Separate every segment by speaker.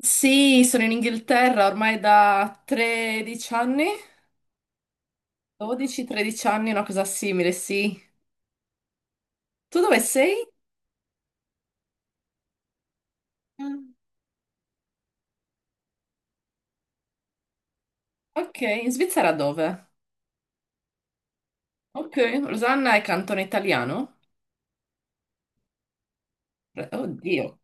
Speaker 1: Sì, sono in Inghilterra ormai da 13 anni, 12-13 anni, una cosa simile, sì. Tu dove sei? Mm. Ok, in Svizzera dove? Ok, Rosanna è cantone italiano? Pre- Oddio.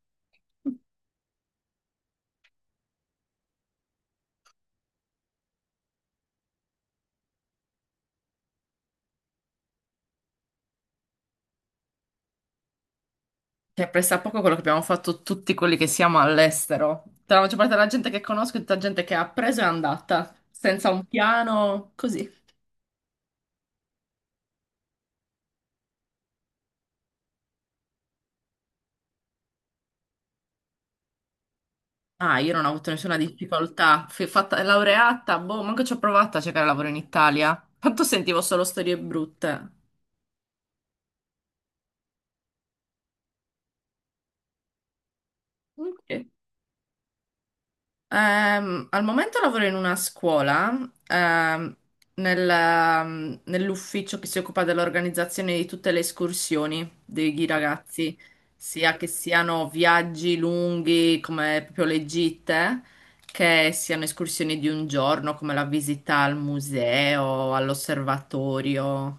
Speaker 1: Cioè, presta poco quello che abbiamo fatto tutti quelli che siamo all'estero. Tra la maggior parte della gente che conosco, e tutta gente che ha preso e è andata, senza un piano, così. Ah, io non ho avuto nessuna difficoltà. Fui fatta laureata, boh, manco ci ho provato a cercare lavoro in Italia. Tanto sentivo solo storie brutte. Ok. Al momento lavoro in una scuola, ehm, nel, nell'ufficio che si occupa dell'organizzazione di tutte le escursioni dei ragazzi, sia che siano viaggi lunghi come proprio le gite, che siano escursioni di un giorno come la visita al museo, all'osservatorio.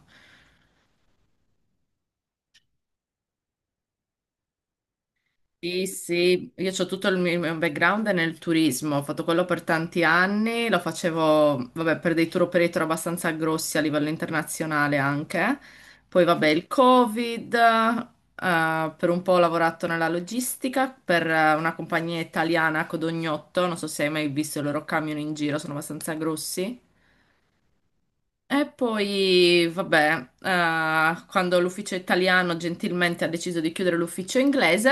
Speaker 1: Sì, sì, io ho tutto il mio background nel turismo, ho fatto quello per tanti anni, lo facevo, vabbè, per dei tour operator abbastanza grossi a livello internazionale anche. Poi, vabbè, il Covid, per un po' ho lavorato nella logistica per una compagnia italiana, Codognotto, non so se hai mai visto i loro camion in giro, sono abbastanza grossi. E poi, vabbè, quando l'ufficio italiano gentilmente ha deciso di chiudere l'ufficio inglese,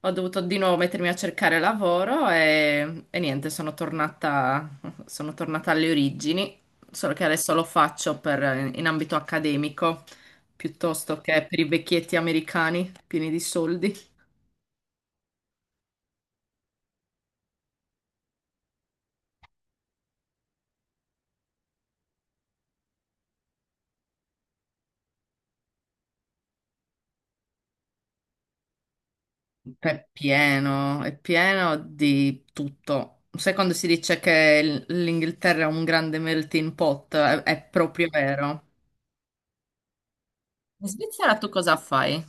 Speaker 1: ho dovuto di nuovo mettermi a cercare lavoro e niente, sono tornata alle origini, solo che adesso lo faccio per- in ambito accademico piuttosto che per i vecchietti americani pieni di soldi. È pieno di tutto. Sai quando si dice che l'Inghilterra è un grande melting pot? È proprio vero. In Svizzera tu cosa fai?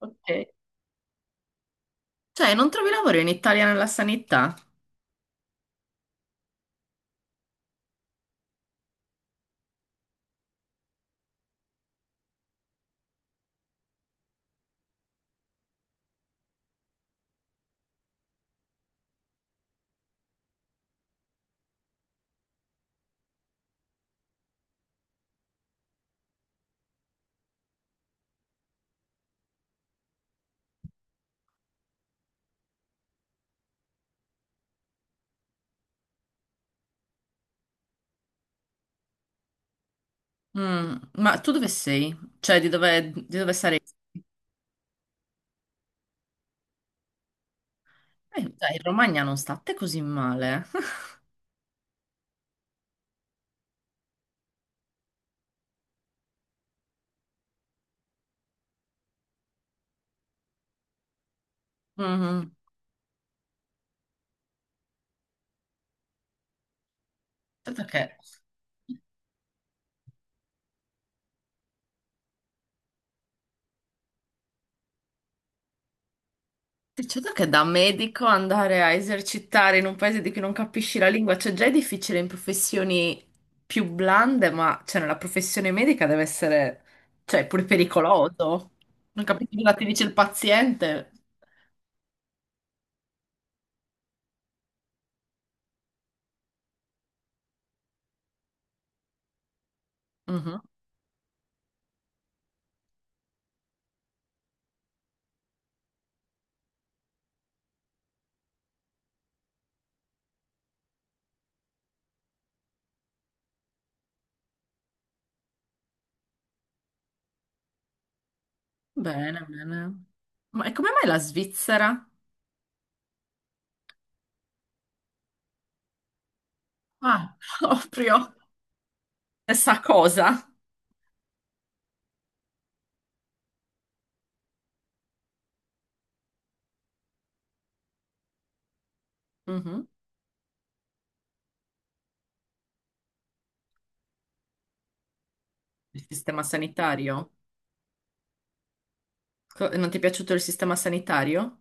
Speaker 1: Ok. Cioè, non trovi lavoro in Italia nella sanità? Mm, ma tu dove sei? Cioè, di dove sarei? Dai, in Romagna non state così male. Mhm. Certo che certo che da medico andare a esercitare in un paese di cui non capisci la lingua, cioè già è difficile in professioni più blande, ma cioè nella professione medica deve essere, cioè, pure pericoloso. Non capisci cosa ti dice il paziente. Mhm. Bene, bene. Ma e come mai la Svizzera? Ah, proprio stessa cosa. Mhm. Il sistema sanitario. Co- Non ti è piaciuto il sistema sanitario?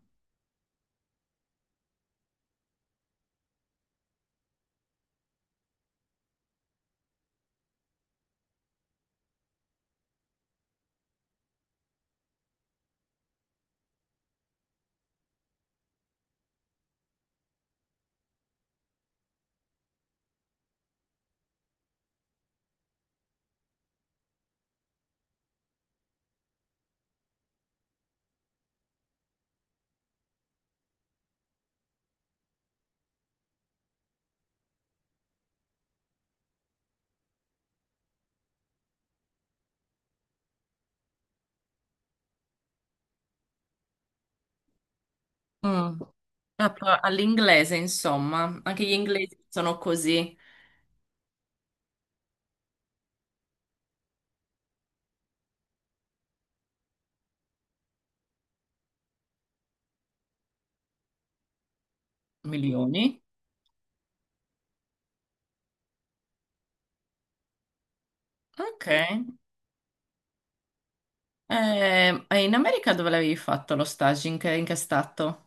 Speaker 1: Mm. Ah, pro- All'inglese, insomma, anche gli inglesi sono così. Milioni. Ok. E, in America dove l'avevi fatto lo stage? In che stato?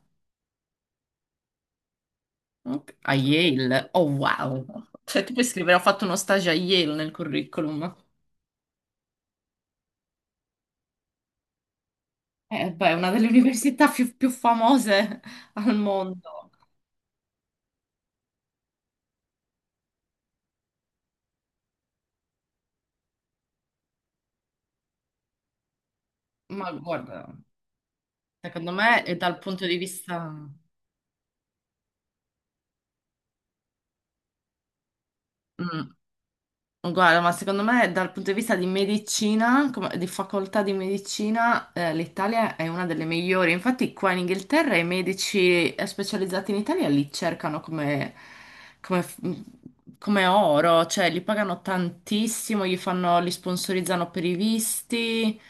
Speaker 1: Ok. A Yale. Oh, wow. Cioè, tu puoi scrivere, ho fatto uno stage a Yale nel curriculum. Beh, è una delle università più, più famose al mondo. Ma guarda, secondo me è dal punto di vista... Mm. Guarda, ma secondo me dal punto di vista di medicina, come- di facoltà di medicina, l'Italia è una delle migliori. Infatti qua in Inghilterra i medici specializzati in Italia li cercano come, come f- mm, come oro, cioè li pagano tantissimo, gli fanno, li sponsorizzano per i visti.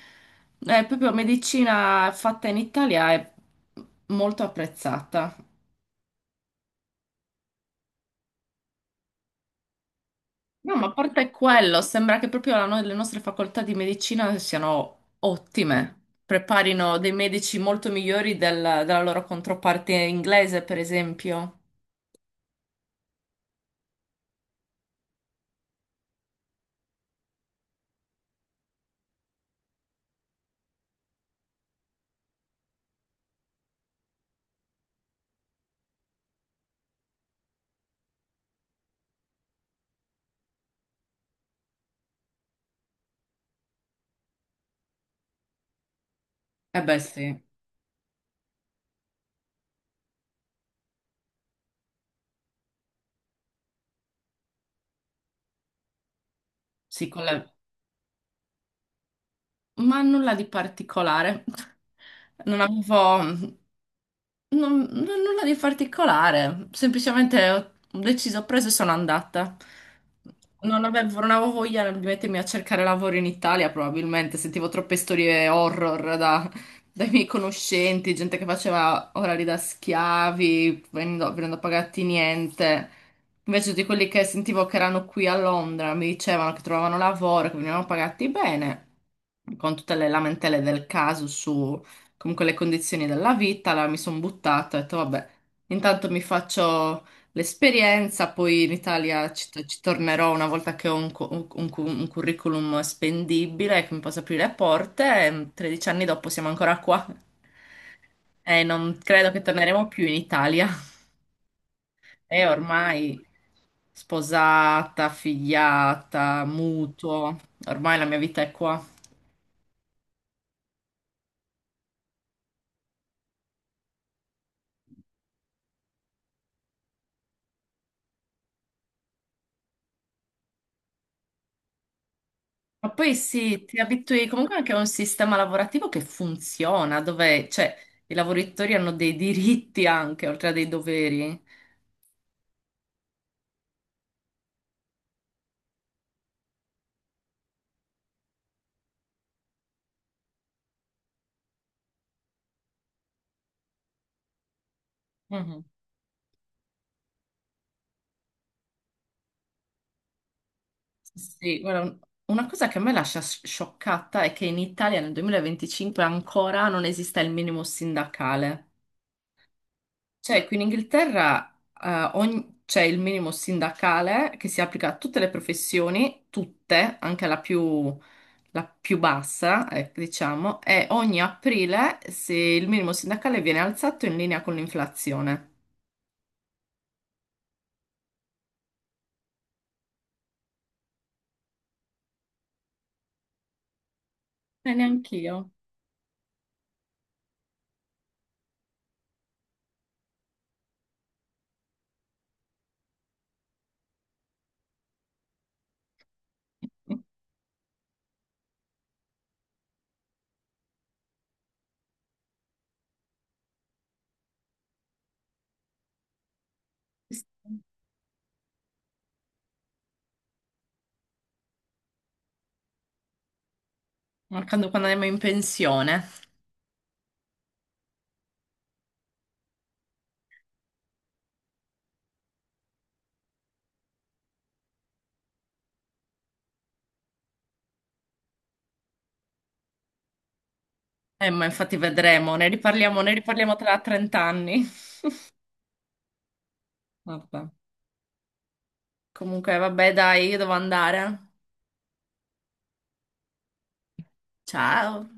Speaker 1: Proprio medicina fatta in Italia è molto apprezzata. No, ma a parte quello, sembra che proprio la no- le nostre facoltà di medicina siano ottime. Preparino dei medici molto migliori del- della loro controparte inglese, per esempio. Eh beh, sì, sì, con le- ma nulla di particolare. Non avevo. Non, non- nulla di particolare, semplicemente ho deciso, ho preso e sono andata. Non avevo, non avevo voglia di mettermi a cercare lavoro in Italia, probabilmente sentivo troppe storie horror da- dai miei conoscenti, gente che faceva orari da schiavi, venendo, venendo pagati niente. Invece di quelli che sentivo che erano qui a Londra, mi dicevano che trovavano lavoro, che venivano pagati bene, con tutte le lamentele del caso comunque le condizioni della vita, allora mi sono buttata, ho detto vabbè, intanto mi faccio l'esperienza, poi in Italia ci, ci tornerò una volta che ho un cu- un curriculum spendibile che mi possa aprire le porte e 13 anni dopo siamo ancora qua e non credo che torneremo più in Italia. E ormai sposata, figliata, mutuo, ormai la mia vita è qua. Ma poi sì, ti abitui comunque anche a un sistema lavorativo che funziona, dove, cioè, i lavoratori hanno dei diritti anche, oltre a dei doveri. Mhm. Sì, guarda, un- una cosa che a me lascia sci- scioccata è che in Italia nel 2025 ancora non esista il minimo sindacale. Cioè, qui in Inghilterra ogni- c'è il minimo sindacale che si applica a tutte le professioni, tutte, anche la più bassa, diciamo, e ogni aprile se il minimo sindacale viene alzato in linea con l'inflazione. Neanch'io. Mancando quando andiamo in pensione. Ma infatti vedremo, ne riparliamo tra 30 anni. Vabbè. Comunque, vabbè, dai, io devo andare. Ciao.